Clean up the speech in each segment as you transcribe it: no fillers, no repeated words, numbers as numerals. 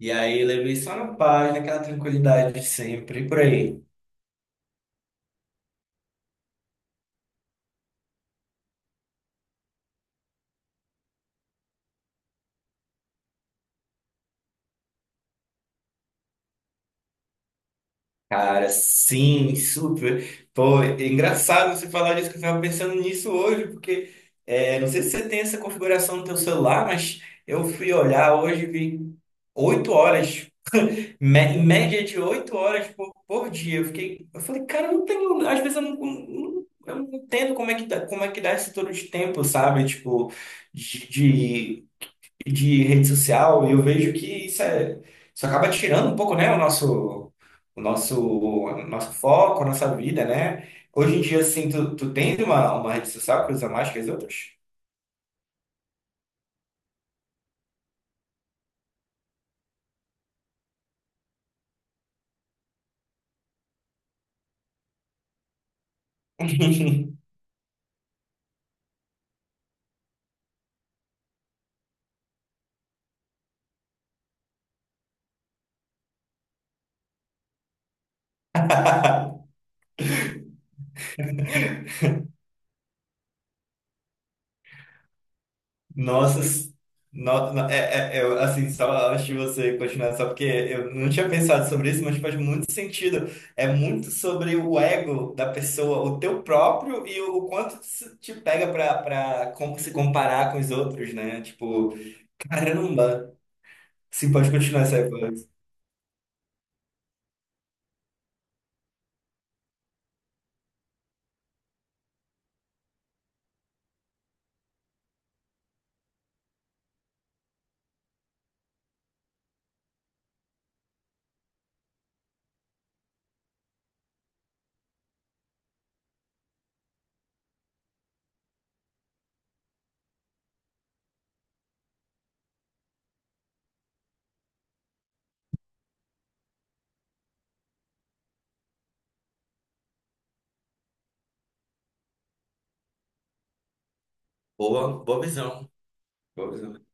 E aí levei só na paz, naquela tranquilidade de sempre, e por aí. Cara, sim, super. Pô, é engraçado você falar disso, que eu estava pensando nisso hoje, porque não sei se você tem essa configuração no teu celular, mas eu fui olhar hoje e vi 8 horas, me- média de 8 horas por dia. Eu fiquei, eu falei, cara, eu não tenho, às vezes eu eu não entendo como é que dá esse todo de tempo, sabe? Tipo, de, de rede social, e eu vejo que isso, isso acaba tirando um pouco, né, o nosso foco, a nossa vida, né? Hoje em dia, assim, tu tens uma rede social que usa mais que as outras? Nossa, eu, assim, só antes de você continuar, só porque eu não tinha pensado sobre isso, mas faz muito sentido. É muito sobre o ego da pessoa, o teu próprio e o quanto isso te pega para como se comparar com os outros, né? Tipo, caramba! Sim, pode continuar essa época. Boa, boa visão, boa visão.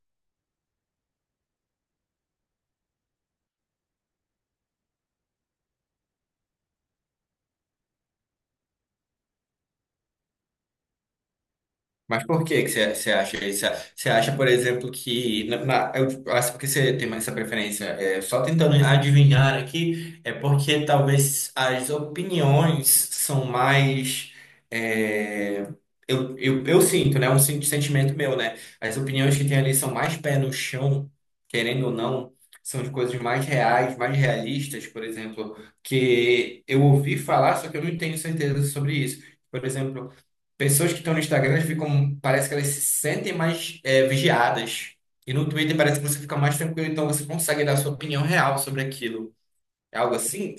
Mas por que que você acha isso? Você acha, por exemplo, que. Eu acho porque você tem essa preferência. É, só tentando adivinhar aqui, é porque talvez as opiniões são mais. é, eu sinto, né? Um sentimento meu, né? As opiniões que tem ali são mais pé no chão, querendo ou não, são de coisas mais reais, mais realistas, por exemplo, que eu ouvi falar, só que eu não tenho certeza sobre isso. Por exemplo. Pessoas que estão no Instagram, elas ficam, parece que elas se sentem mais vigiadas. E no Twitter parece que você fica mais tranquilo, então você consegue dar a sua opinião real sobre aquilo. É algo assim?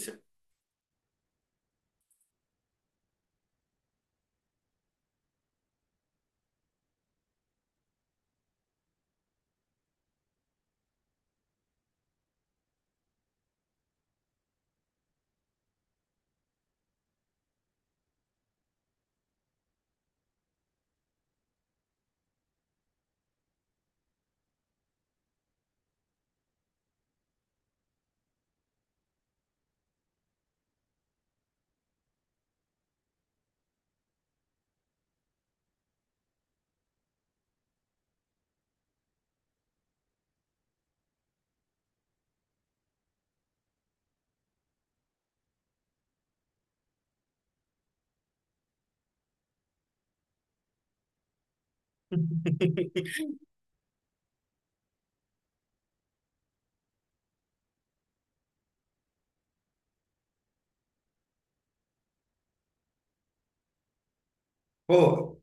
Pô,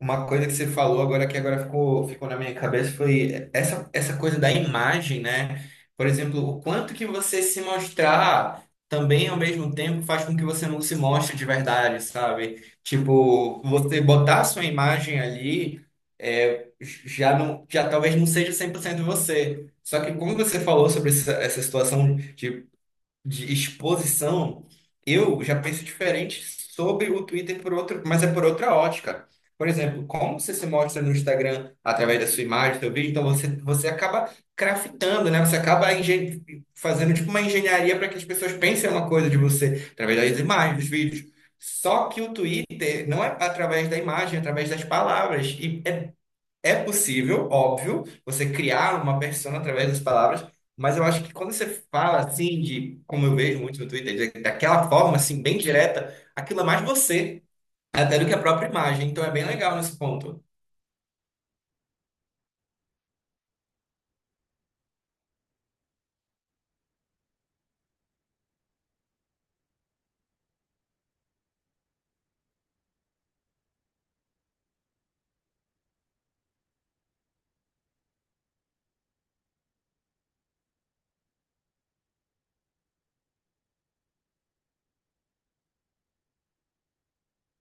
uma coisa que você falou agora que agora ficou na minha cabeça foi essa coisa da imagem, né? Por exemplo, o quanto que você se mostrar também ao mesmo tempo faz com que você não se mostre de verdade, sabe? Tipo, você botar a sua imagem ali já não, já talvez não seja 100% você. Só que como você falou sobre essa situação de exposição, eu já penso diferente sobre o Twitter por outro, mas é por outra ótica. Por exemplo, como você se mostra no Instagram através da sua imagem, do seu vídeo, então você acaba craftando, né? Você acaba fazendo tipo uma engenharia para que as pessoas pensem uma coisa de você através das imagens, dos vídeos. Só que o Twitter não é através da imagem, é através das palavras. E é possível, óbvio, você criar uma persona através das palavras, mas eu acho que quando você fala assim, como eu vejo muito no Twitter, daquela forma, assim, bem direta, aquilo é mais você, até do que a própria imagem. Então é bem legal nesse ponto.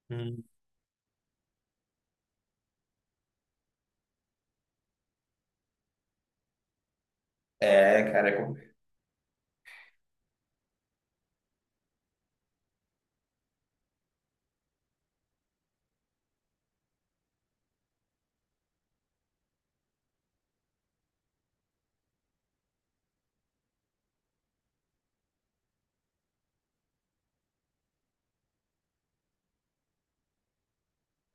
Hum. É, cara,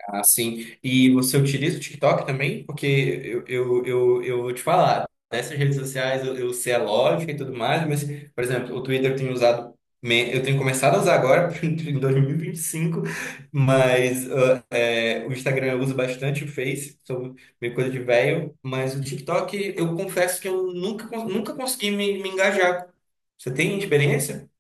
ah, sim. E você utiliza o TikTok também? Porque eu vou te falar, dessas redes sociais eu sei a lógica e tudo mais, mas, por exemplo, o Twitter eu tenho usado, eu tenho começado a usar agora, em 2025, mas ah, o Instagram eu uso bastante, o Face, sou meio coisa de velho, mas o TikTok eu confesso que eu nunca consegui me engajar. Você tem experiência?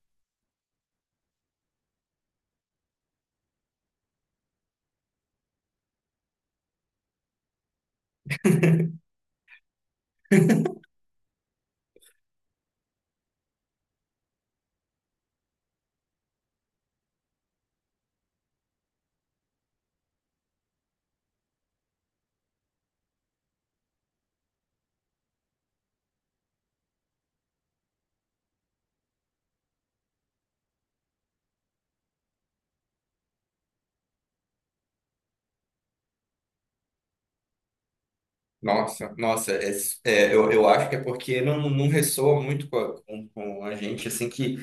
Nossa, nossa, eu acho que é porque não ressoa muito com a gente, assim, que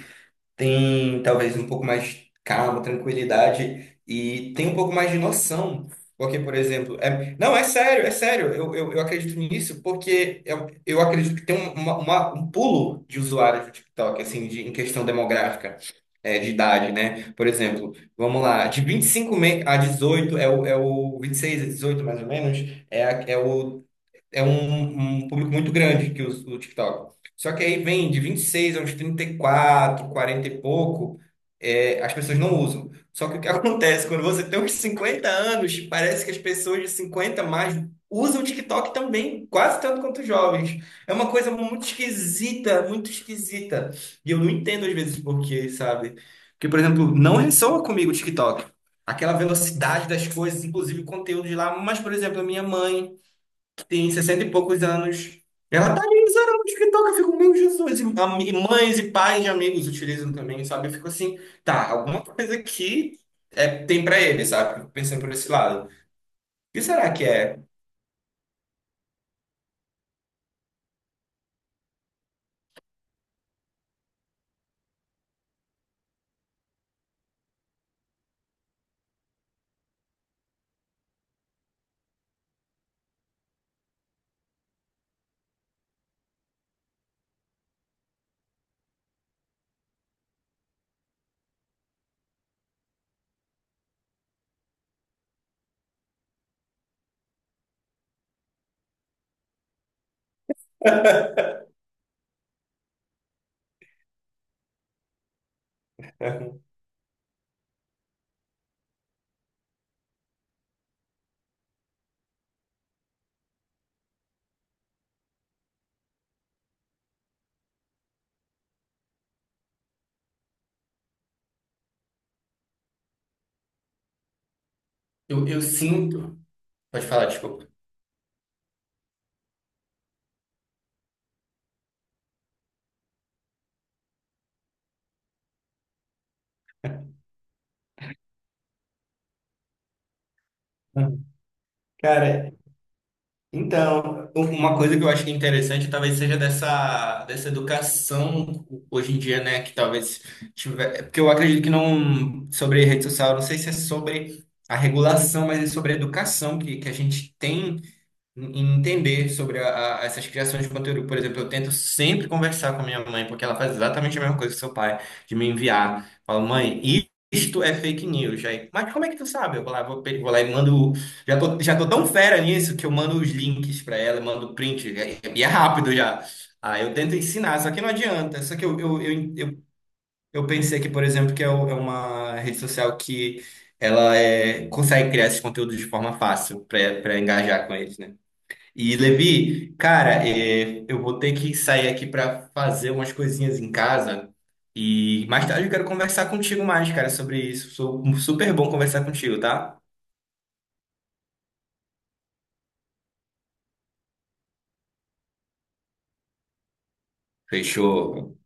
tem talvez um pouco mais de calma, tranquilidade e tem um pouco mais de noção. Porque, por exemplo, não, é sério, eu acredito nisso porque eu acredito que tem um pulo de usuários do TikTok, assim, em questão demográfica, de idade, né? Por exemplo, vamos lá, de 25 a 18 é o 26 a 18 mais ou menos, é, a- é o um público muito grande que usa o TikTok. Só que aí vem de 26 a uns 34, 40 e pouco, as pessoas não usam. Só que o que acontece, quando você tem uns 50 anos, parece que as pessoas de 50 a mais usam o TikTok também, quase tanto quanto os jovens. É uma coisa muito esquisita, muito esquisita. E eu não entendo às vezes por quê, sabe? Porque, por exemplo, não ressoa comigo o TikTok. Aquela velocidade das coisas, inclusive o conteúdo de lá. Mas, por exemplo, a minha mãe tem 60 e poucos anos. Ela tá ali usando o TikTok, eu fico, meu Jesus, e e mães e pais de amigos utilizam também, sabe? Eu fico assim, tá, alguma coisa aqui tem pra ele, sabe? Fico pensando por esse lado. O que será que é? Eu sinto. Pode falar, desculpa. Cara, então, uma coisa que eu acho que é interessante talvez seja dessa educação hoje em dia, né? Que talvez tiver. Porque eu acredito que não. Sobre rede social, eu não sei se é sobre a regulação, mas é sobre a educação que a gente tem em entender sobre essas criações de conteúdo. Por exemplo, eu tento sempre conversar com a minha mãe, porque ela faz exatamente a mesma coisa que seu pai, de me enviar. Fala, mãe, isto é fake news. Aí, mas como é que tu sabe? Eu vou lá, vou lá e mando. Já tô tão fera nisso que eu mando os links para ela, mando print, e é rápido já. Aí eu tento ensinar, só que não adianta. Só que eu pensei que, por exemplo, que é é uma rede social que ela consegue criar esses conteúdos de forma fácil para engajar com eles, né? E Levi, cara, eu vou ter que sair aqui para fazer umas coisinhas em casa e mais tarde eu quero conversar contigo mais, cara, sobre isso. Sou super bom conversar contigo, tá? Fechou.